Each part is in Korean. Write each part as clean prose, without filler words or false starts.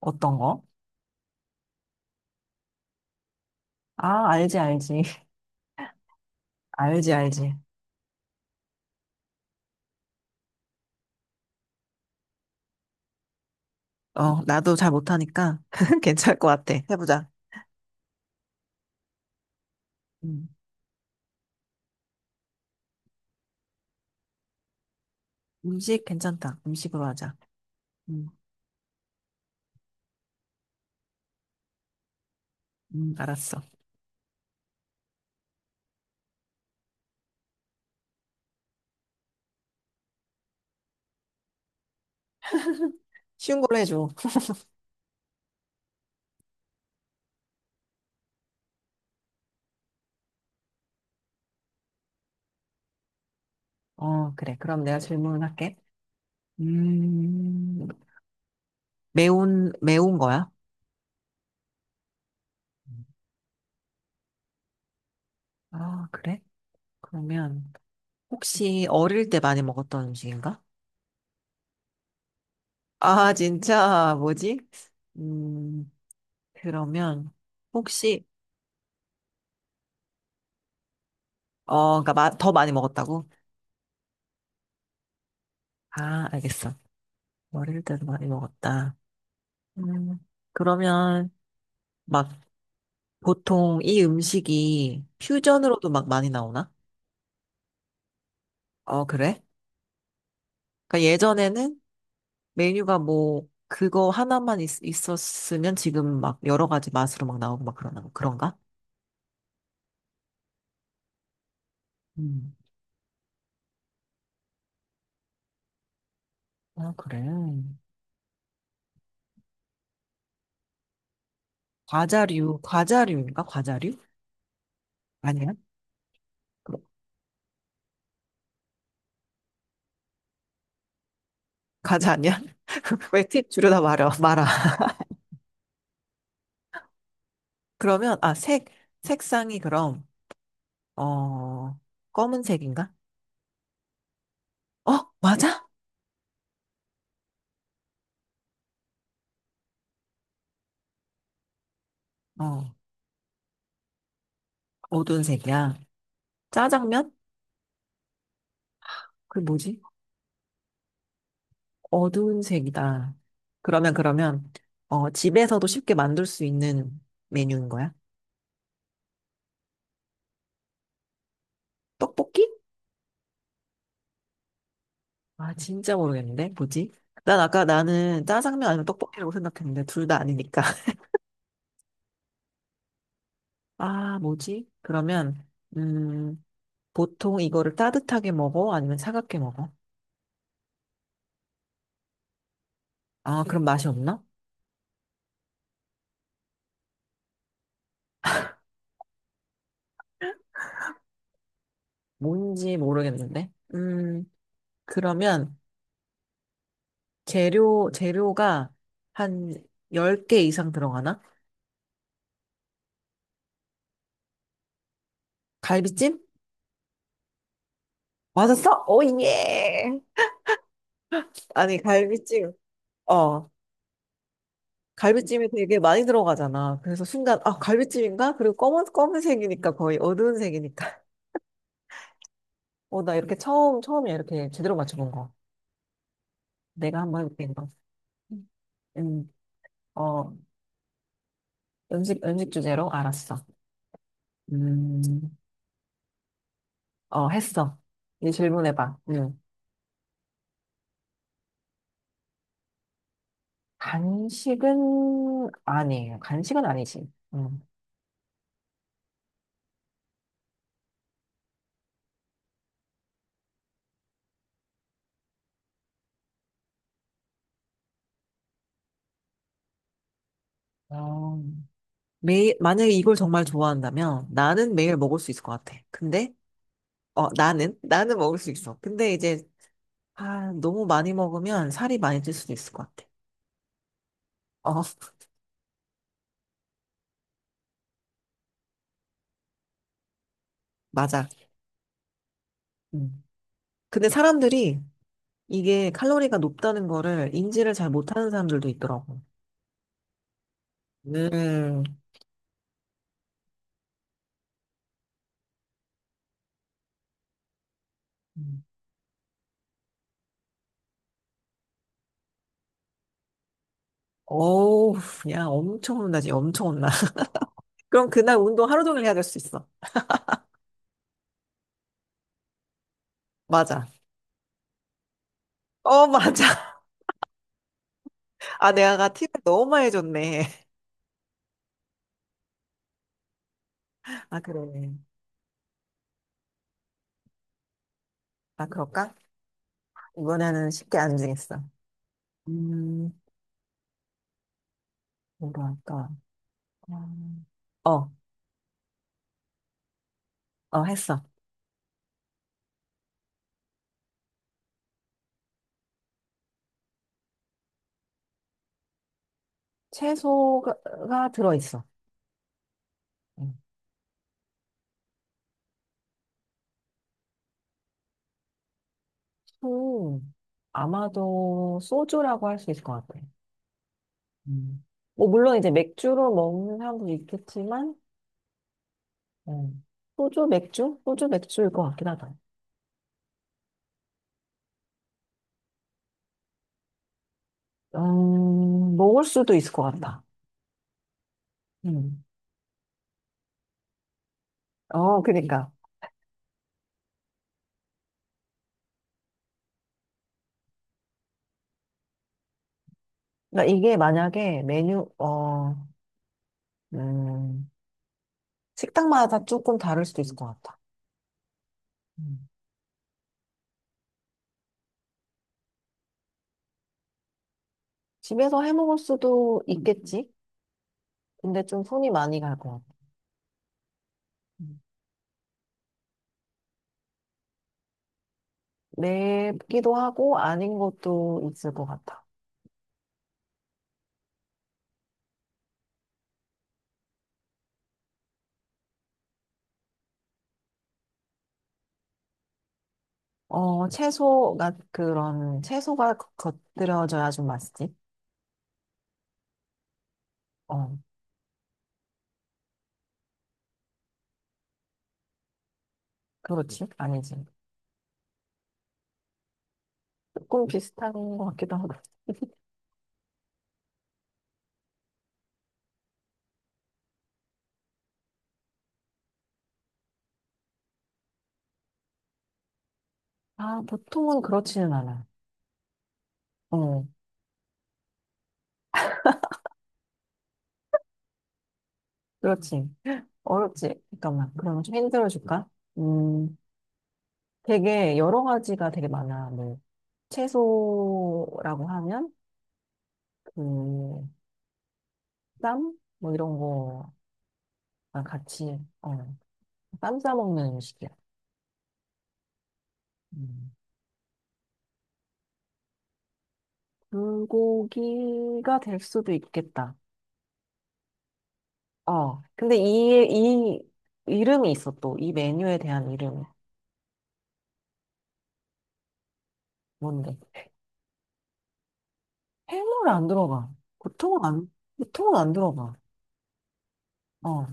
어떤 거? 아, 알지, 알지. 알지, 알지. 어, 나도 잘 못하니까 괜찮을 것 같아. 해보자. 음, 음식 괜찮다. 음식으로 하자. 음, 알았어. 쉬운 걸로 해줘. 어, 그래. 그럼 내가 질문을 할게. 음, 매운 거야? 아, 그래? 그러면 혹시 어릴 때 많이 먹었던 음식인가? 아, 진짜, 뭐지? 음, 그러면 혹시, 어, 그러니까 더 많이 먹었다고? 아, 알겠어. 어릴 때도 많이 먹었다. 음, 그러면 막 보통 이 음식이 퓨전으로도 막 많이 나오나? 어, 그래? 그러니까 예전에는 메뉴가 뭐 그거 하나만 있었으면 지금 막 여러 가지 맛으로 막 나오고 막 그러나 그런가? 음. 아, 그래. 과자류인가? 과자류? 아니야? 그 과자 아니야? 왜 팁 주려다 말아. 그러면, 색상이 그럼, 어, 검은색인가? 어, 맞아? 어, 어두운 색이야. 짜장면? 그 뭐지? 어두운 색이다. 그러면, 어, 집에서도 쉽게 만들 수 있는 메뉴인 거야? 떡볶이? 아, 진짜 모르겠는데. 뭐지? 난 아까 나는 짜장면 아니면 떡볶이라고 생각했는데, 둘 다 아니니까. 아, 뭐지? 그러면, 음, 보통 이거를 따뜻하게 먹어? 아니면 차갑게 먹어? 아, 그럼 맛이 없나? 뭔지 모르겠는데. 그러면, 재료가 한 10개 이상 들어가나? 갈비찜? 맞았어? 오, 예! 아니, 갈비찜. 어, 갈비찜이 되게 많이 들어가잖아. 그래서 순간, 아, 갈비찜인가? 그리고 검은색이니까 거의 어두운 색이니까. 어, 나 이렇게 처음이야. 이렇게 제대로 맞춰본 거. 내가 한번 해볼게, 이거. 음, 어, 음식 주제로? 알았어. 음, 어, 했어. 이제 질문해봐. 음. 간식은 아니에요. 간식은 아니지. 음. 어, 매일, 만약에 이걸 정말 좋아한다면 나는 매일 먹을 수 있을 것 같아. 근데, 어, 나는? 나는 먹을 수 있어. 근데 이제, 아, 너무 많이 먹으면 살이 많이 찔 수도 있을 것 같아. 어, 맞아. 음. 근데 사람들이 이게 칼로리가 높다는 거를 인지를 잘 못하는 사람들도 있더라고. 음, 음. 어우, 야, 엄청 혼나지, 엄청 혼나. 그럼 그날 운동 하루 종일 해야 될 수 있어. 맞아. 어, 맞아. 아, 내가 팁을 너무 많이 줬네. 아, 그러네. 아, 그럴까? 이번에는 쉽게 안 정했어. 음, 뭐로 할까? 음, 어, 어, 했어. 채소가 들어있어. 음, 소, 아마도 소주라고 할 수 있을 것 같아. 음. 뭐, 물론 이제 맥주로 먹는 사람도 있겠지만, 음, 소주, 맥주? 소주, 맥주일 것 같긴 하다. 먹을 수도 있을 것 같다. 음. 어, 그러니까. 그러니까 이게 만약에 메뉴, 어, 음, 식당마다 조금 다를 수도 있을 것 같아. 집에서 해 먹을 수도 있겠지? 근데 좀 손이 많이 갈 것 같아. 음. 맵기도 하고 아닌 것도 있을 것 같아. 어, 채소가 겉들여져야 좀 맛있지? 어, 그렇지? 아니지. 조금 비슷한 것 같기도 하고. 아, 보통은 그렇지는 않아. 어, 그렇지. 어렵지. 잠깐만. 그러면 좀 힌트를 줄까? 음, 되게 여러 가지가 되게 많아. 뭐, 채소라고 하면, 그, 쌈? 뭐 이런 거랑 같이, 어, 쌈 싸먹는 음식이야. 음. 불고기가 될 수도 있겠다. 어, 근데 이 이름이 있어, 또. 이 메뉴에 대한 이름이. 뭔데? 해물 안 들어가. 보통은 안, 보통은 안 들어가. 어,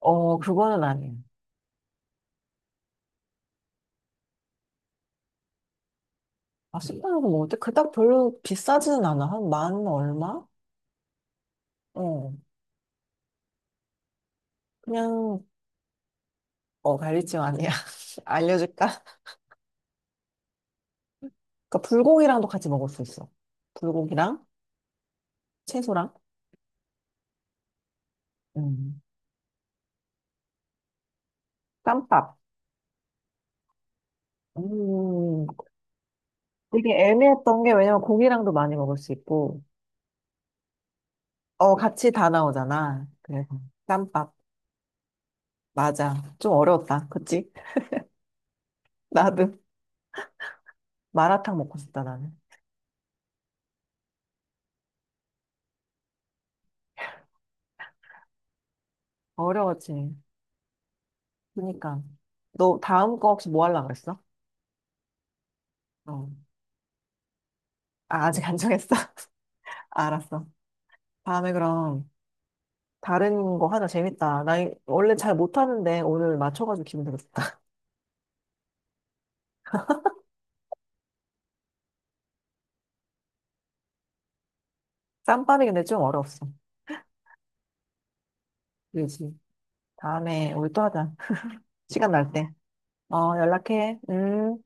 어, 그거는 아니야. 아, 식당에서 먹을 때 그닥 별로 비싸지는 않아. 한 만 얼마? 어, 그냥, 어, 갈비찜 아니야. 알려줄까? 그러니까 불고기랑도 같이 먹을 수 있어. 불고기랑 채소랑 음. 쌈밥. 음. 되게 애매했던 게 왜냐면 고기랑도 많이 먹을 수 있고 어 같이 다 나오잖아. 그래서 쌈밥 맞아. 좀 어려웠다. 그치? 나도 마라탕 먹고 싶다 나는. 어려웠지. 그러니까 너 다음 거 혹시 뭐 하려고 그랬어? 어. 아, 아직 안 정했어? 알았어. 다음에 그럼 다른 거 하자. 재밌다. 나 원래 잘 못하는데 오늘 맞춰가지고 기분 되게 좋다. 쌈밥이 근데 좀 어려웠어. 그지. 다음에 우리 또 하자. 시간 날 때. 어, 연락해. 음.